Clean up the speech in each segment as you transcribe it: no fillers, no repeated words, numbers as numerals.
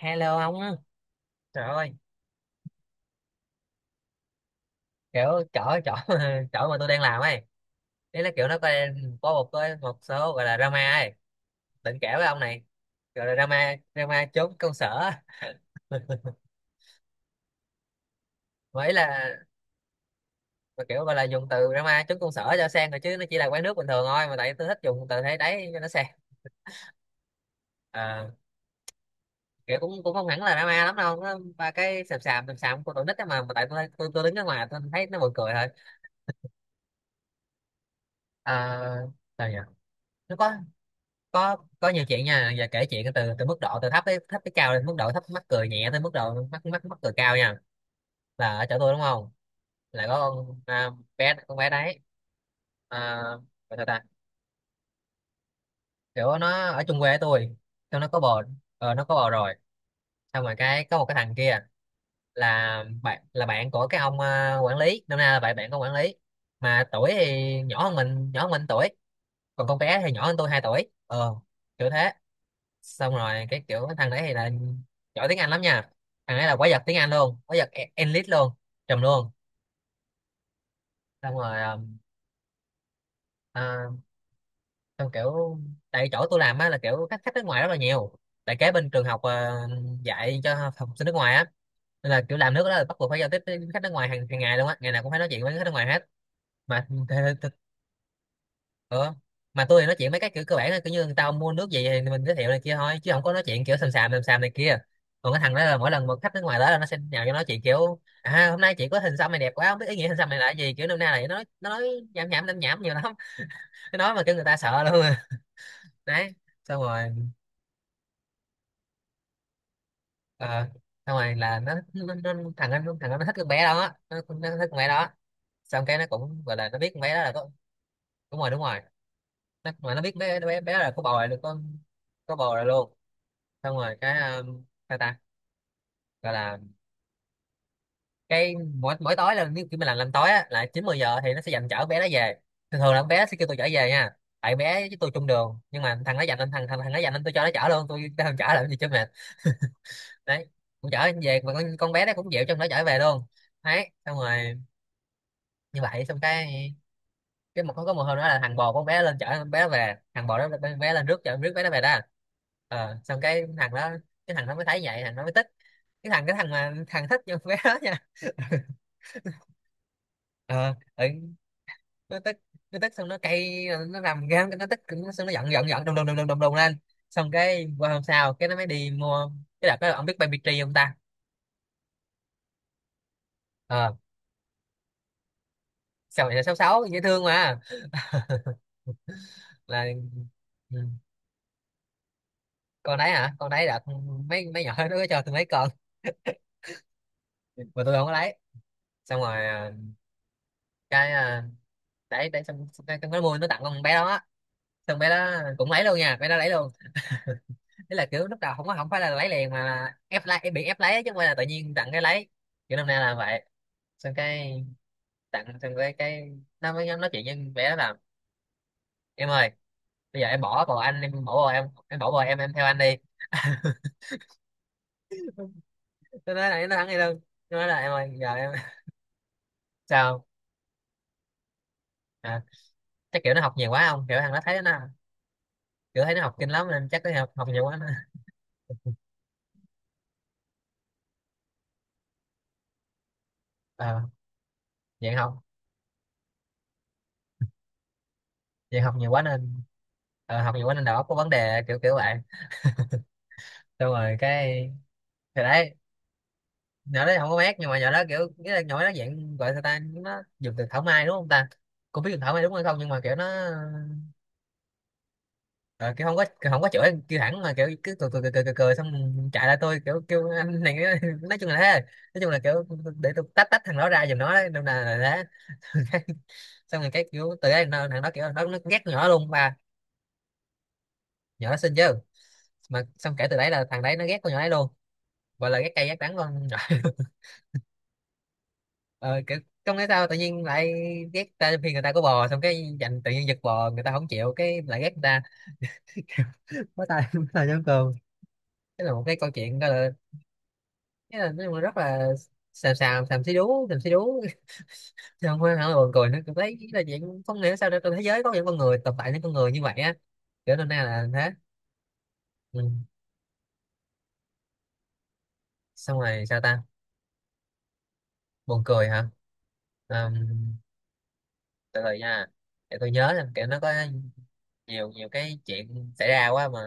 Hello ông á, trời ơi. Kiểu chỗ chỗ chỗ mà tôi đang làm ấy, đấy là kiểu nó có một cái một số gọi là drama ấy, định kể với ông này, gọi là drama drama trốn công sở. Mấy là, mà kiểu gọi là dùng từ drama trốn công sở cho sang rồi chứ nó chỉ là quán nước bình thường thôi, mà tại tôi thích dùng từ thế đấy cho nó sang. Ờ, kiểu cũng cũng không hẳn là drama lắm đâu, nó ba cái sàm sàm sàm sàm của tụi nít ấy, mà tại tôi đứng ở ngoài tôi thấy nó buồn cười thôi. À, sao nhỉ. Nó có có nhiều chuyện nha, giờ kể chuyện từ từ, mức độ từ thấp tới cao lên, mức độ thấp mắc cười nhẹ tới mức độ mắc mắc mắc cười cao nha. Là ở chỗ tôi đúng không, là có con, à, bé con bé đấy, à, gọi sao ta, kiểu nó ở chung quê với tôi, xong nó có bồ, ờ, nó có bồ rồi. Xong rồi cái có một cái thằng kia là bạn, của cái ông, à, quản lý năm nay, là bạn bạn của quản lý, mà tuổi thì nhỏ hơn mình, tuổi còn con bé thì nhỏ hơn tôi 2 tuổi, ờ, kiểu thế. Xong rồi cái kiểu cái thằng đấy thì là giỏi tiếng Anh lắm nha, thằng đấy là quái vật tiếng Anh luôn, quái vật elite luôn, trùm luôn. Xong rồi à, xong kiểu, tại chỗ tôi làm á là kiểu khách khách nước ngoài rất là nhiều, tại kế bên trường học, ờ, dạy cho học sinh nước ngoài á, nên là kiểu làm nước đó là bắt buộc phải giao tiếp với khách nước ngoài hàng hàng ngày luôn á, ngày nào cũng phải nói chuyện với khách nước ngoài hết. Mà th th Ờ, mà tôi thì nói chuyện mấy cái kiểu cơ bản là kiểu như người ta mua nước gì thì mình giới thiệu này kia thôi, chứ không có nói chuyện kiểu sàm sàm sàm sàm này kia. Còn cái thằng đó là mỗi lần một khách nước ngoài tới là nó sẽ nhào cho nói chuyện, kiểu à hôm nay chị có hình xăm này đẹp quá, không biết ý nghĩa hình xăm này là cái gì, kiểu năm nay này. Nó nói nhảm nhảm nhảm nhảm nhiều lắm. Nó nói mà kêu người ta sợ luôn à. Đấy, xong rồi. Ờ, xong rồi là nó thằng anh nó thích con bé đó, nó thích con bé đó. Xong cái nó cũng gọi là nó biết con bé đó là có, đúng rồi đúng rồi, nó, mà nó biết bé bé bé đó là có bầu rồi, có bầu rồi luôn. Xong rồi cái ta ta gọi là, cái mỗi mỗi tối là nếu kiểu mình làm tối á là chín mười giờ thì nó sẽ dành chở bé nó về, thường thường là con bé sẽ kêu tôi chở về nha, tại bé với tôi chung đường, nhưng mà thằng nó dành anh, thằng thằng thằng nó dành anh, tôi cho nó chở luôn, tôi không chở làm gì cho mệt. Đấy, cũng chở về mà con bé nó cũng dịu trong nó chở về luôn. Đấy, xong rồi, như vậy xong cái một có một hôm đó là thằng bò con bé lên chở con bé về, thằng bò đó con bé lên rước chở rước bé nó về đó, ờ, xong cái thằng đó, cái thằng nó mới thấy vậy, thằng nó mới tức, cái thằng mà thằng thích con bé đó nha. ờ ừ, nó tức, nó tức xong nó cay nó rầm ra nó tức nó, xong nó giận giận giận đùng đùng đùng đùng đùng đùng lên. Xong cái qua hôm sau cái nó mới đi mua, cái đợt đó ông biết baby tree không ta. Ờ, sao này là sáu sáu dễ thương mà, là, ừ, con đấy hả, con đấy đợt mấy mấy nhỏ nó có cho tôi mấy con mà tôi không có lấy. Xong rồi, à, cái à, đấy đấy xong xong cái mua nó tặng con bé đó á. Xong bé đó cũng lấy luôn nha, bé đó lấy luôn. Đấy là kiểu lúc đầu không có, không phải là lấy liền mà là ép lấy, bị ép lấy chứ không phải là tự nhiên tặng cái lấy, kiểu năm nay là vậy. Xong cái tặng xong cái nó mới nói chuyện với bé đó là em ơi, bây giờ em bỏ bồ, anh em bỏ bồ, em bỏ bồ, em theo anh đi. Tôi nói là nó thắng đi luôn. Nó nói là em ơi giờ em, sao, à, chắc kiểu nó học nhiều quá không, kiểu thằng nó thấy nó, kiểu thấy nó học kinh lắm nên chắc nó học nhiều quá nó. Ờ, vậy không, vì học nhiều quá nên, ờ, học nhiều quá nên đầu óc có vấn đề kiểu kiểu vậy. Xong rồi cái thì đấy, nhỏ đấy không có mát, nhưng mà nhỏ đó kiểu nghĩa là nhỏ đó dạng, gọi sao ta, nó dùng từ thảo mai đúng không ta, cô biết dùng thảo mai đúng hay không, nhưng mà kiểu nó, ờ, kiểu không có, kiểu không có chửi kêu thẳng mà kiểu cứ cười cười cười cười, cười, cười xong chạy lại tôi kiểu kêu anh này. Nói chung là thế, nói chung là kiểu để tôi tách tách thằng đó ra giùm nó đấy, nên là thế. Xong rồi cái kiểu từ đấy nó, thằng đó kiểu nó ghét con nhỏ đó luôn ba, nhỏ đó xinh chứ, mà xong kể từ đấy là thằng đấy nó ghét con nhỏ đấy luôn, gọi là ghét cay ghét đắng luôn. Ờ, kiểu, không biết sao tự nhiên lại ghét ta khi người ta có bò, xong cái dành tự nhiên giật bò người ta không chịu cái lại ghét người ta. Bó tay bó tay nhóm cơm. Cái là một cái câu chuyện gọi là, cái là nói chung là rất là xàm xàm xàm xí đú xàm xí đú. Chứ không phải hả, buồn cười nữa, tôi thấy là chuyện không hiểu sao trên thế giới có những con người tồn tại những con người như vậy á, kiểu nên nay là thế. Ừ. Xong rồi sao ta, buồn cười hả. Ờm, từ từ nha, để tôi nhớ, là kiểu nó có nhiều nhiều cái chuyện xảy ra quá mà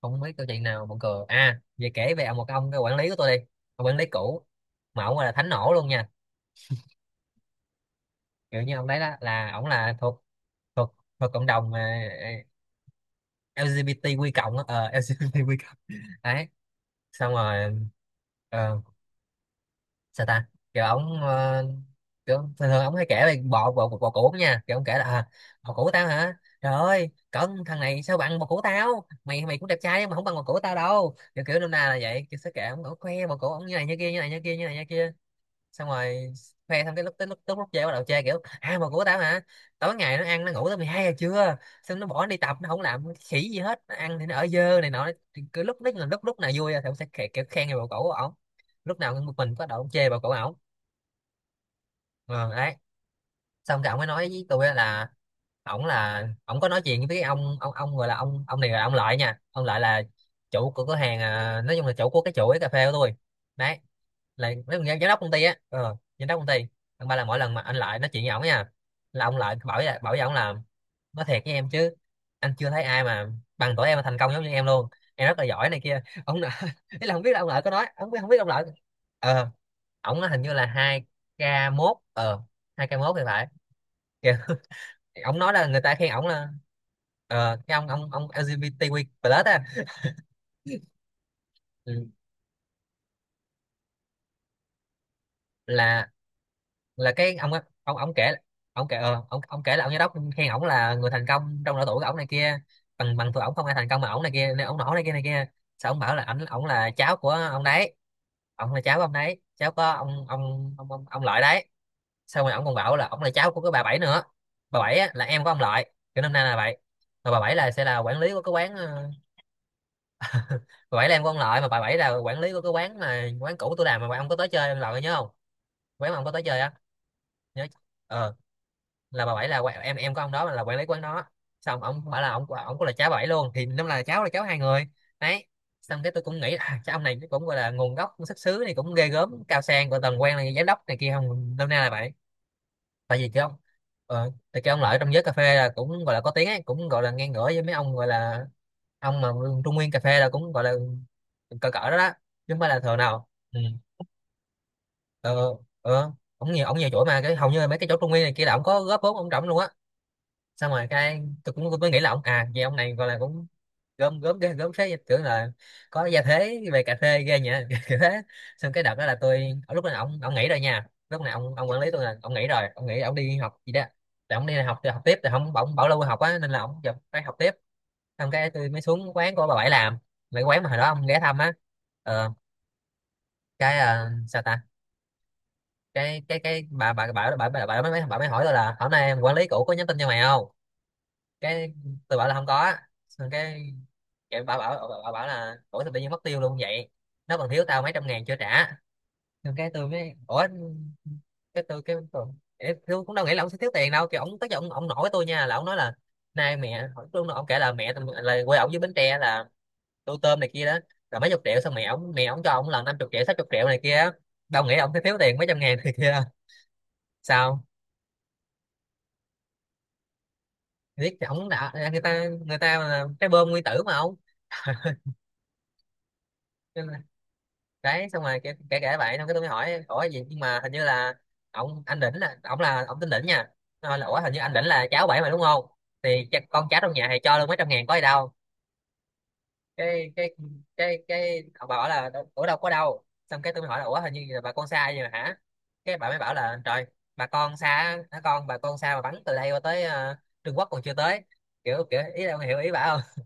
không biết câu chuyện nào buồn cười. À, về kể về một ông cái quản lý của tôi đi, ông quản lý cũ, mà ông là thánh nổ luôn nha, kiểu như ông đấy đó là ông là thuộc, thuộc cộng đồng mà, ờ, lờ giê bê tê quy cộng á, ờ, LGBTQ cộng, đấy, xong rồi, ờ, sao ta, kiểu ổng, ờ, kiểu thường thường ổng hay kể về bò bò bò cũ nha, kiểu ổng kể là à, bò cũ tao hả, trời ơi cẩn thằng này sao bằng bò cũ tao, mày mày cũng đẹp trai nhưng mà không bằng bò cũ tao đâu, kiểu kiểu nôm na là vậy, kiểu sẽ kể ổng, ổng khoe bò cũ ổng như này như kia, như này như kia, như này như kia. Xong rồi khoe xong cái lúc tới, lúc chơi bắt đầu chơi kiểu à mà của tao hả, tối ngày nó ăn nó ngủ tới 12 giờ trưa, xong nó bỏ đi tập, nó không làm khỉ gì hết, nó ăn thì nó ở dơ này nọ. Thì cứ lúc đấy là lúc lúc nào vui thì cũng sẽ kiểu khen người bầu cũ của ổng, lúc nào cũng một mình có đầu ông chê bầu cũ ổng, ờ đấy. Xong cái ổng mới nói với tôi á là ổng có nói chuyện với cái ông, gọi là ông, này là ông lợi nha, ông lợi là chủ của cửa hàng, à, nói chung là chủ của cái chuỗi cà phê của tôi đấy, là mấy con giám giám đốc công ty á, ờ, giám đốc công ty. Thằng ba là mỗi lần mà anh lại nói chuyện với ổng nha, là ông lại bảo với ổng là, nói thiệt với em chứ, anh chưa thấy ai mà bằng tuổi em mà thành công giống như em luôn, em rất là giỏi này kia ông nợ. Ý là không biết là ông lợi có nói, không biết ông lợi, ờ, ổng nói hình như là k mốt ờ 2k1 thì phải kìa. Ổng nói là người ta khen ổng là cái ông LGBTQ+ á. Ừ, là là cái ông kể. Ông kể là ông giám đốc khen ổng là người thành công trong độ tuổi của ổng này kia. Bằng bằng tuổi ổng không ai thành công mà ổng này kia nên ổng nổi này kia này kia. Sao ông bảo là ảnh ổng là cháu của ông đấy, ổng là cháu của ông đấy, cháu có ông lợi đấy. Xong rồi ổng còn bảo là ổng là cháu của cái bà bảy nữa. Bà bảy á, là em của ông lợi, kiểu năm nay là vậy. Mà bà bảy là sẽ là quản lý của cái Bà bảy là em của ông lợi mà bà bảy là quản lý của cái quán mà quán cũ tôi làm mà ông có tới chơi, ông lợi nhớ không? Quán mà ông có tới chơi á. Nhớ. ờ là bà bảy là em của ông đó là quản lý quán đó. Xong ông bảo là ông cũng là cháu bà bảy luôn thì năm là cháu hai người đấy. Xong cái tôi cũng nghĩ à, cái ông này cũng gọi là nguồn gốc xuất xứ này cũng ghê gớm cao sang của tầng quan là giám đốc này kia không năm nay là vậy. Tại vì cái tại cái ông lợi trong giới cà phê là cũng gọi là có tiếng ấy, cũng gọi là ngang ngửa với mấy ông gọi là ông mà trung nguyên cà phê là cũng gọi là cỡ cỡ đó đó, chứ không phải là thừa nào. Ừ. Ờ, ờ. Ông nhiều chỗ mà cái hầu như là mấy cái chỗ trung nguyên này kia là ông có góp vốn ông trọng luôn á. Xong rồi cái tôi cũng mới nghĩ là ông à vậy ông này gọi là cũng gớm gớm ghê gớm thế, tưởng là có gia thế về cà phê ghê nhỉ. Kiểu thế. Xong cái đợt đó là tôi ở lúc đó ông nghỉ rồi nha, lúc này ông quản lý tôi là ông nghỉ rồi, ông nghỉ ông đi học gì đó. Là ông đi học thì học tiếp thì không, ông bảo lưu học á nên là ông giờ phải học tiếp. Xong cái tôi mới xuống quán của bà bảy làm, mấy quán mà hồi đó ông ghé thăm á. ờ, cái sao ta. Cái mới bà mới hỏi tôi là hôm nay quản lý cũ có nhắn tin cho mày không. Cái tôi bảo là không có. Xong cái bảo bảo bảo, bảo bảo là ủa sao tự nhiên mất tiêu luôn vậy, nó còn thiếu tao mấy trăm ngàn chưa trả. Xong cái tôi mới ủa, cái tôi cái tôi, tôi cũng đâu nghĩ là ông sẽ thiếu tiền đâu, kiểu ông tới giờ ông nổi tôi nha là ông nói là nay mẹ. Lúc đó ông kể là mẹ là quê ông với Bến Tre là tôm này kia đó, là mấy chục triệu. Xong mẹ ông cho ông là 50 triệu 60 triệu này kia á. Đâu nghĩ là ông sẽ thiếu tiền mấy trăm ngàn này kia đâu. Sao biết thì ông đã, người ta mà trái bơm nguyên tử mà ông. Cho nên đấy, xong rồi kể kể kể vậy. Xong cái tôi mới hỏi ủa gì, nhưng mà hình như là ông anh đỉnh là ông tên đỉnh nha. Nó hỏi là ủa hình như anh đỉnh là cháu bảy mà đúng không, thì con cháu trong nhà thì cho luôn mấy trăm ngàn có gì đâu. Cái cái cái ông bảo là ủa đâu có đâu. Xong cái tôi mới hỏi là ủa hình như là bà con xa vậy mà hả. Cái bà mới bảo là trời, bà con xa á, hả, con bà con xa mà bắn từ đây qua tới Trung Quốc còn chưa tới, kiểu kiểu ý là ông hiểu ý bà không.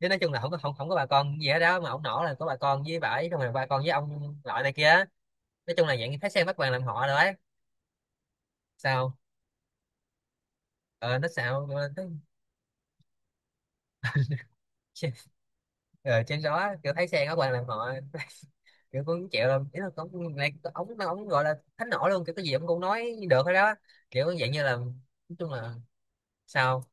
Chứ nói chung là không có bà con gì hết đó, mà ông nổ là có bà con với bà ấy, không là bà con với ông loại này kia. Nói chung là dạng như thấy xe bắt bằng làm họ rồi ấy. Sao ờ nó sao nó... Ờ, trên đó kiểu thấy xe bắt bằng làm họ. Kiểu cũng chịu lắm, ý là cũng này ống nó ống gọi là thánh nổ luôn, kiểu cái gì ông cũng nói được hết đó, kiểu dạng như là nói chung là. Sao?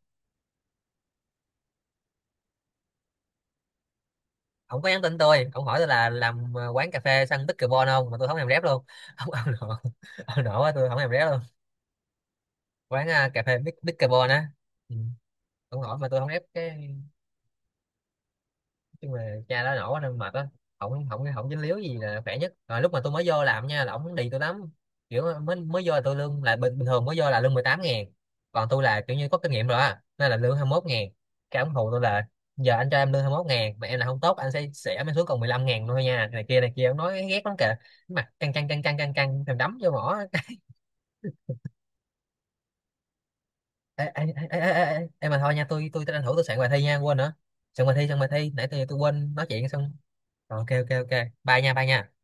Ông có nhắn tin tôi, ông hỏi tôi là làm quán cà phê săn pickleball không mà tôi không làm rep luôn. Ông nổ, ông nổ quá, tôi không làm rep luôn. Quán cà phê pickleball á. Ừ. Ông hỏi mà tôi không rep cái. Nhưng mà cha đó nổ quá nên mệt á. Không không không dính líu gì là khỏe nhất rồi. Lúc mà tôi mới vô làm nha là ổng đi tôi lắm, kiểu mới mới vô là tôi lương là bình thường, mới vô là lương 18 ngàn, còn tôi là kiểu như có kinh nghiệm rồi á nên là lương 21 ngàn. Cái ổng hù tôi là giờ anh cho em lương 21 ngàn mà em là không tốt anh sẽ mới xuống còn 15 ngàn thôi nha này kia này kia, ổng nói ghét lắm kìa, mà căng căng căng căng căng căng thèm đấm vô mỏ. Ê, ê, ê, ê, ê, ê, em mà thôi nha, tôi tranh thủ tôi soạn bài thi nha, quên nữa. Soạn bài thi, nãy tôi quên nói chuyện xong. Rồi, ok ok ok. Bye nha, bye nha.